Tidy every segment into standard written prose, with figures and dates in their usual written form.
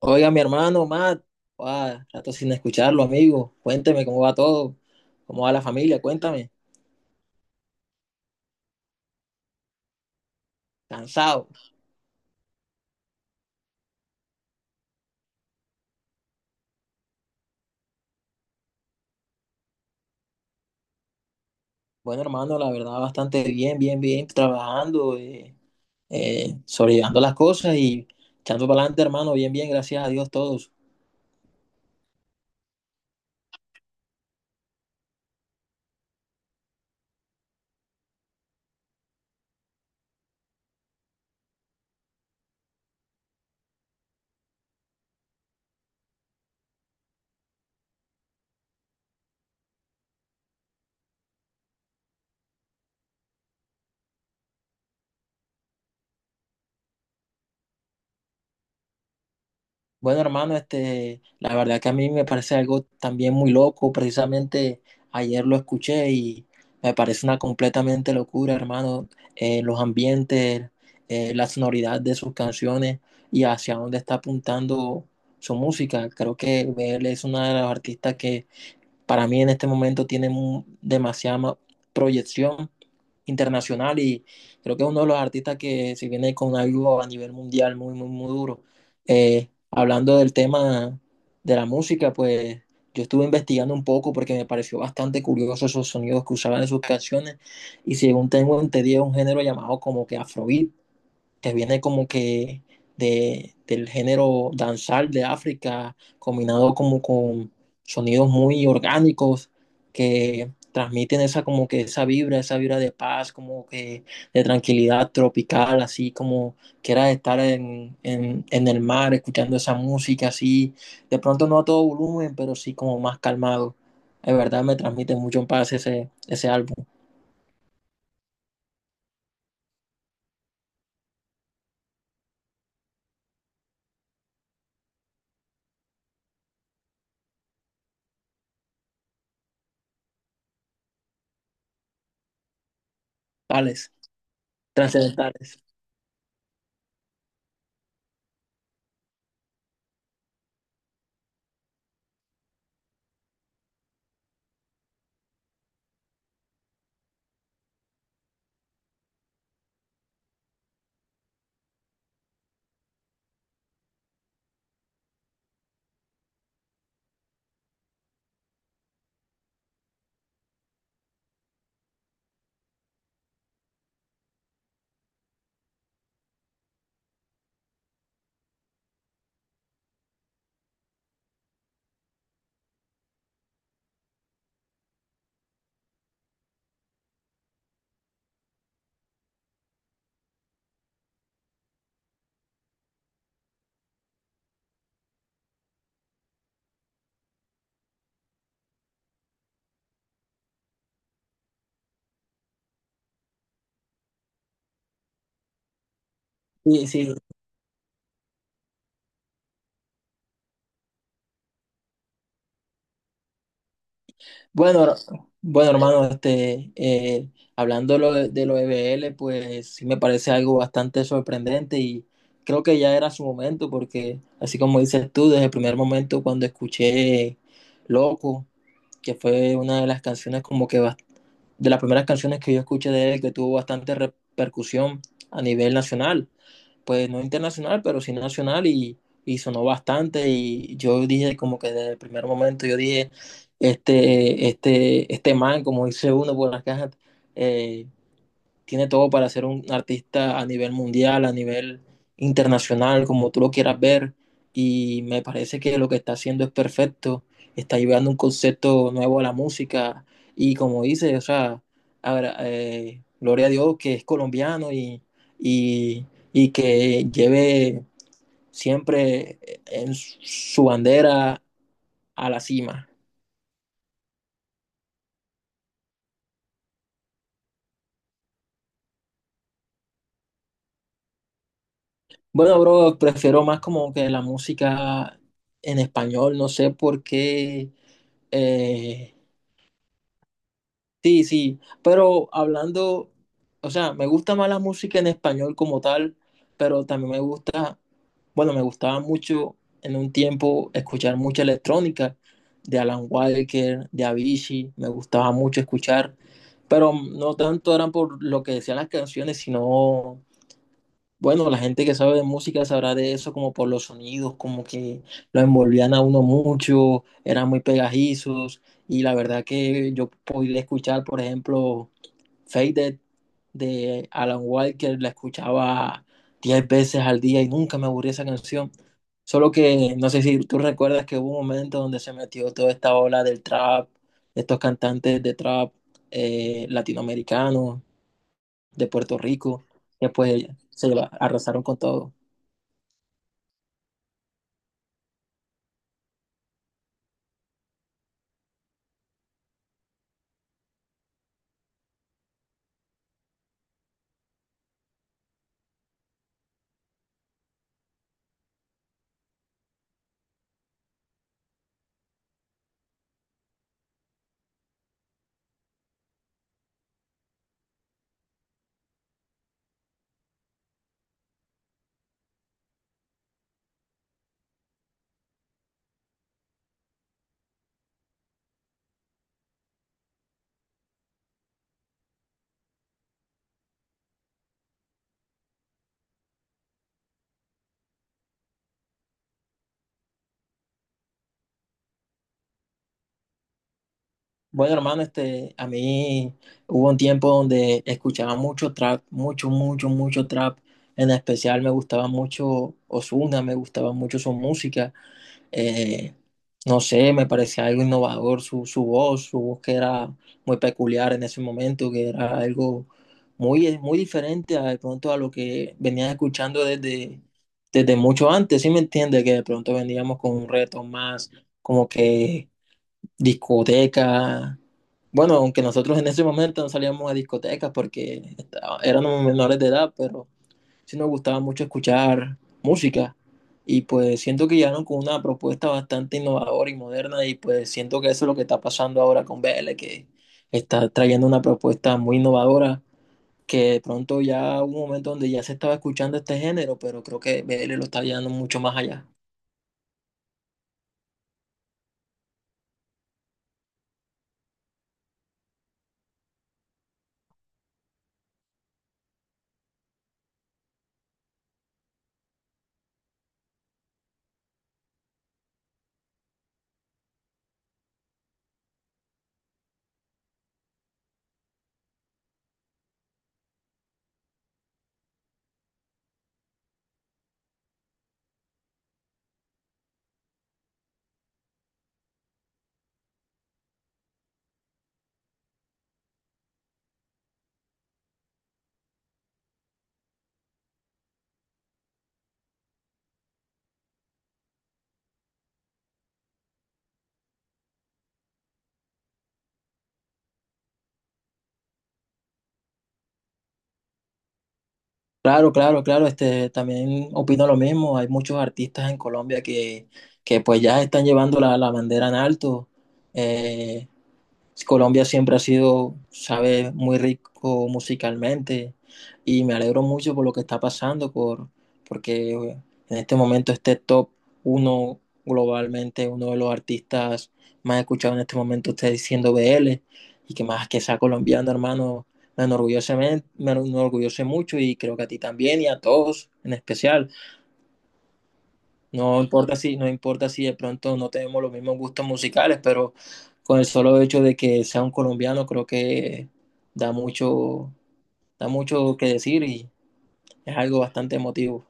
Oiga, mi hermano Matt, rato sin escucharlo, amigo. Cuénteme cómo va todo, cómo va la familia, cuéntame. Cansado. Bueno, hermano, la verdad, bastante bien, bien, trabajando, sobrellevando las cosas y echando para adelante, hermano, bien, bien, gracias a Dios todos. Bueno, hermano, la verdad que a mí me parece algo también muy loco. Precisamente ayer lo escuché y me parece una completamente locura, hermano. Los ambientes, la sonoridad de sus canciones y hacia dónde está apuntando su música. Creo que él es una de las artistas que para mí en este momento tiene demasiada proyección internacional y creo que es uno de los artistas que se viene con algo a nivel mundial muy, muy, muy duro. Hablando del tema de la música, pues yo estuve investigando un poco porque me pareció bastante curioso esos sonidos que usaban en sus canciones y según tengo entendido es un género llamado como que Afrobeat que viene como que del género danzal de África, combinado como con sonidos muy orgánicos que transmiten esa como que esa vibra de paz, como que de tranquilidad tropical, así como que era estar en el mar escuchando esa música así, de pronto no a todo volumen, pero sí como más calmado. De verdad me transmite mucho en paz ese álbum, tales, trascendentales. Sí, sí. Bueno, her- bueno, hermano, hablando lo de lo E B L pues sí me parece algo bastante sorprendente y creo que ya era su momento, porque así como dices tú, desde el primer momento cuando escuché Loco, que fue una de las canciones como que de las primeras canciones que yo escuché de él que tuvo bastante repercusión a nivel nacional. Pues no internacional, pero sí nacional y sonó bastante y yo dije como que desde el primer momento yo dije, este man, como dice uno por las cajas, eh, tiene todo para ser un artista a nivel mundial, a nivel internacional, como tú lo quieras ver. Y me parece que lo que está haciendo es perfecto. Está llevando un concepto nuevo a la música. Y como dice, o sea, gloria a Dios que es colombiano y, y que lleve siempre en su bandera a la cima. Bueno, bro, prefiero más como que la música en español, no sé por qué. Eh, sí, sí, pero hablando, o sea, me gusta más la música en español como tal, pero también me gusta, bueno, me gustaba mucho en un tiempo escuchar mucha electrónica de Alan Walker, de Avicii, me gustaba mucho escuchar, pero no tanto eran por lo que decían las canciones, sino bueno, la gente que sabe de música sabrá de eso como por los sonidos, como que lo envolvían a uno mucho, eran muy pegajizos y la verdad que yo podía escuchar, por ejemplo, Faded de Alan Walker, la escuchaba 10 veces al día y nunca me aburría esa canción. Solo que no sé si tú recuerdas que hubo un momento donde se metió toda esta ola del trap, estos cantantes de trap, latinoamericanos, de Puerto Rico, que pues arrasaron con todo. Bueno, hermano, a mí hubo un tiempo donde escuchaba mucho trap, mucho trap. En especial me gustaba mucho Ozuna, me gustaba mucho su música. Eh, no sé, me parecía algo innovador su voz que era muy peculiar en ese momento, que era algo muy, muy diferente a, de pronto a lo que venías escuchando desde mucho antes, ¿sí me entiendes? Que de pronto veníamos con un reto más como que discotecas. Bueno, aunque nosotros en ese momento no salíamos a discotecas porque éramos menores de edad, pero sí nos gustaba mucho escuchar música. Y pues siento que llegaron con una propuesta bastante innovadora y moderna y pues siento que eso es lo que está pasando ahora con Vélez, que está trayendo una propuesta muy innovadora, que de pronto ya hubo un momento donde ya se estaba escuchando este género, pero creo que Vélez lo está llevando mucho más allá. Claro, claro, claro, también opino lo mismo. Hay muchos artistas en Colombia que pues ya están llevando la bandera en alto. eh, si Colombia siempre ha sido, sabe, muy rico musicalmente y me alegro mucho por lo que está pasando, porque en este momento este top uno globalmente, uno de los artistas más escuchados en este momento está diciendo BL y que más que sea colombiano, hermano, me enorgullece mucho y creo que a ti también y a todos en especial. No importa si, no importa si de pronto no tenemos los mismos gustos musicales, pero con el solo hecho de que sea un colombiano, creo que da mucho, da mucho que decir y es algo bastante emotivo.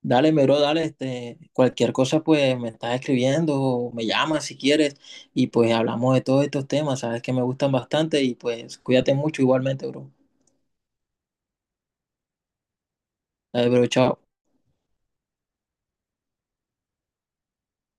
Dale, mi bro, dale, cualquier cosa, pues me estás escribiendo o me llamas si quieres y pues hablamos de todos estos temas, sabes que me gustan bastante y pues cuídate mucho igualmente, bro. Dale, bro, chao.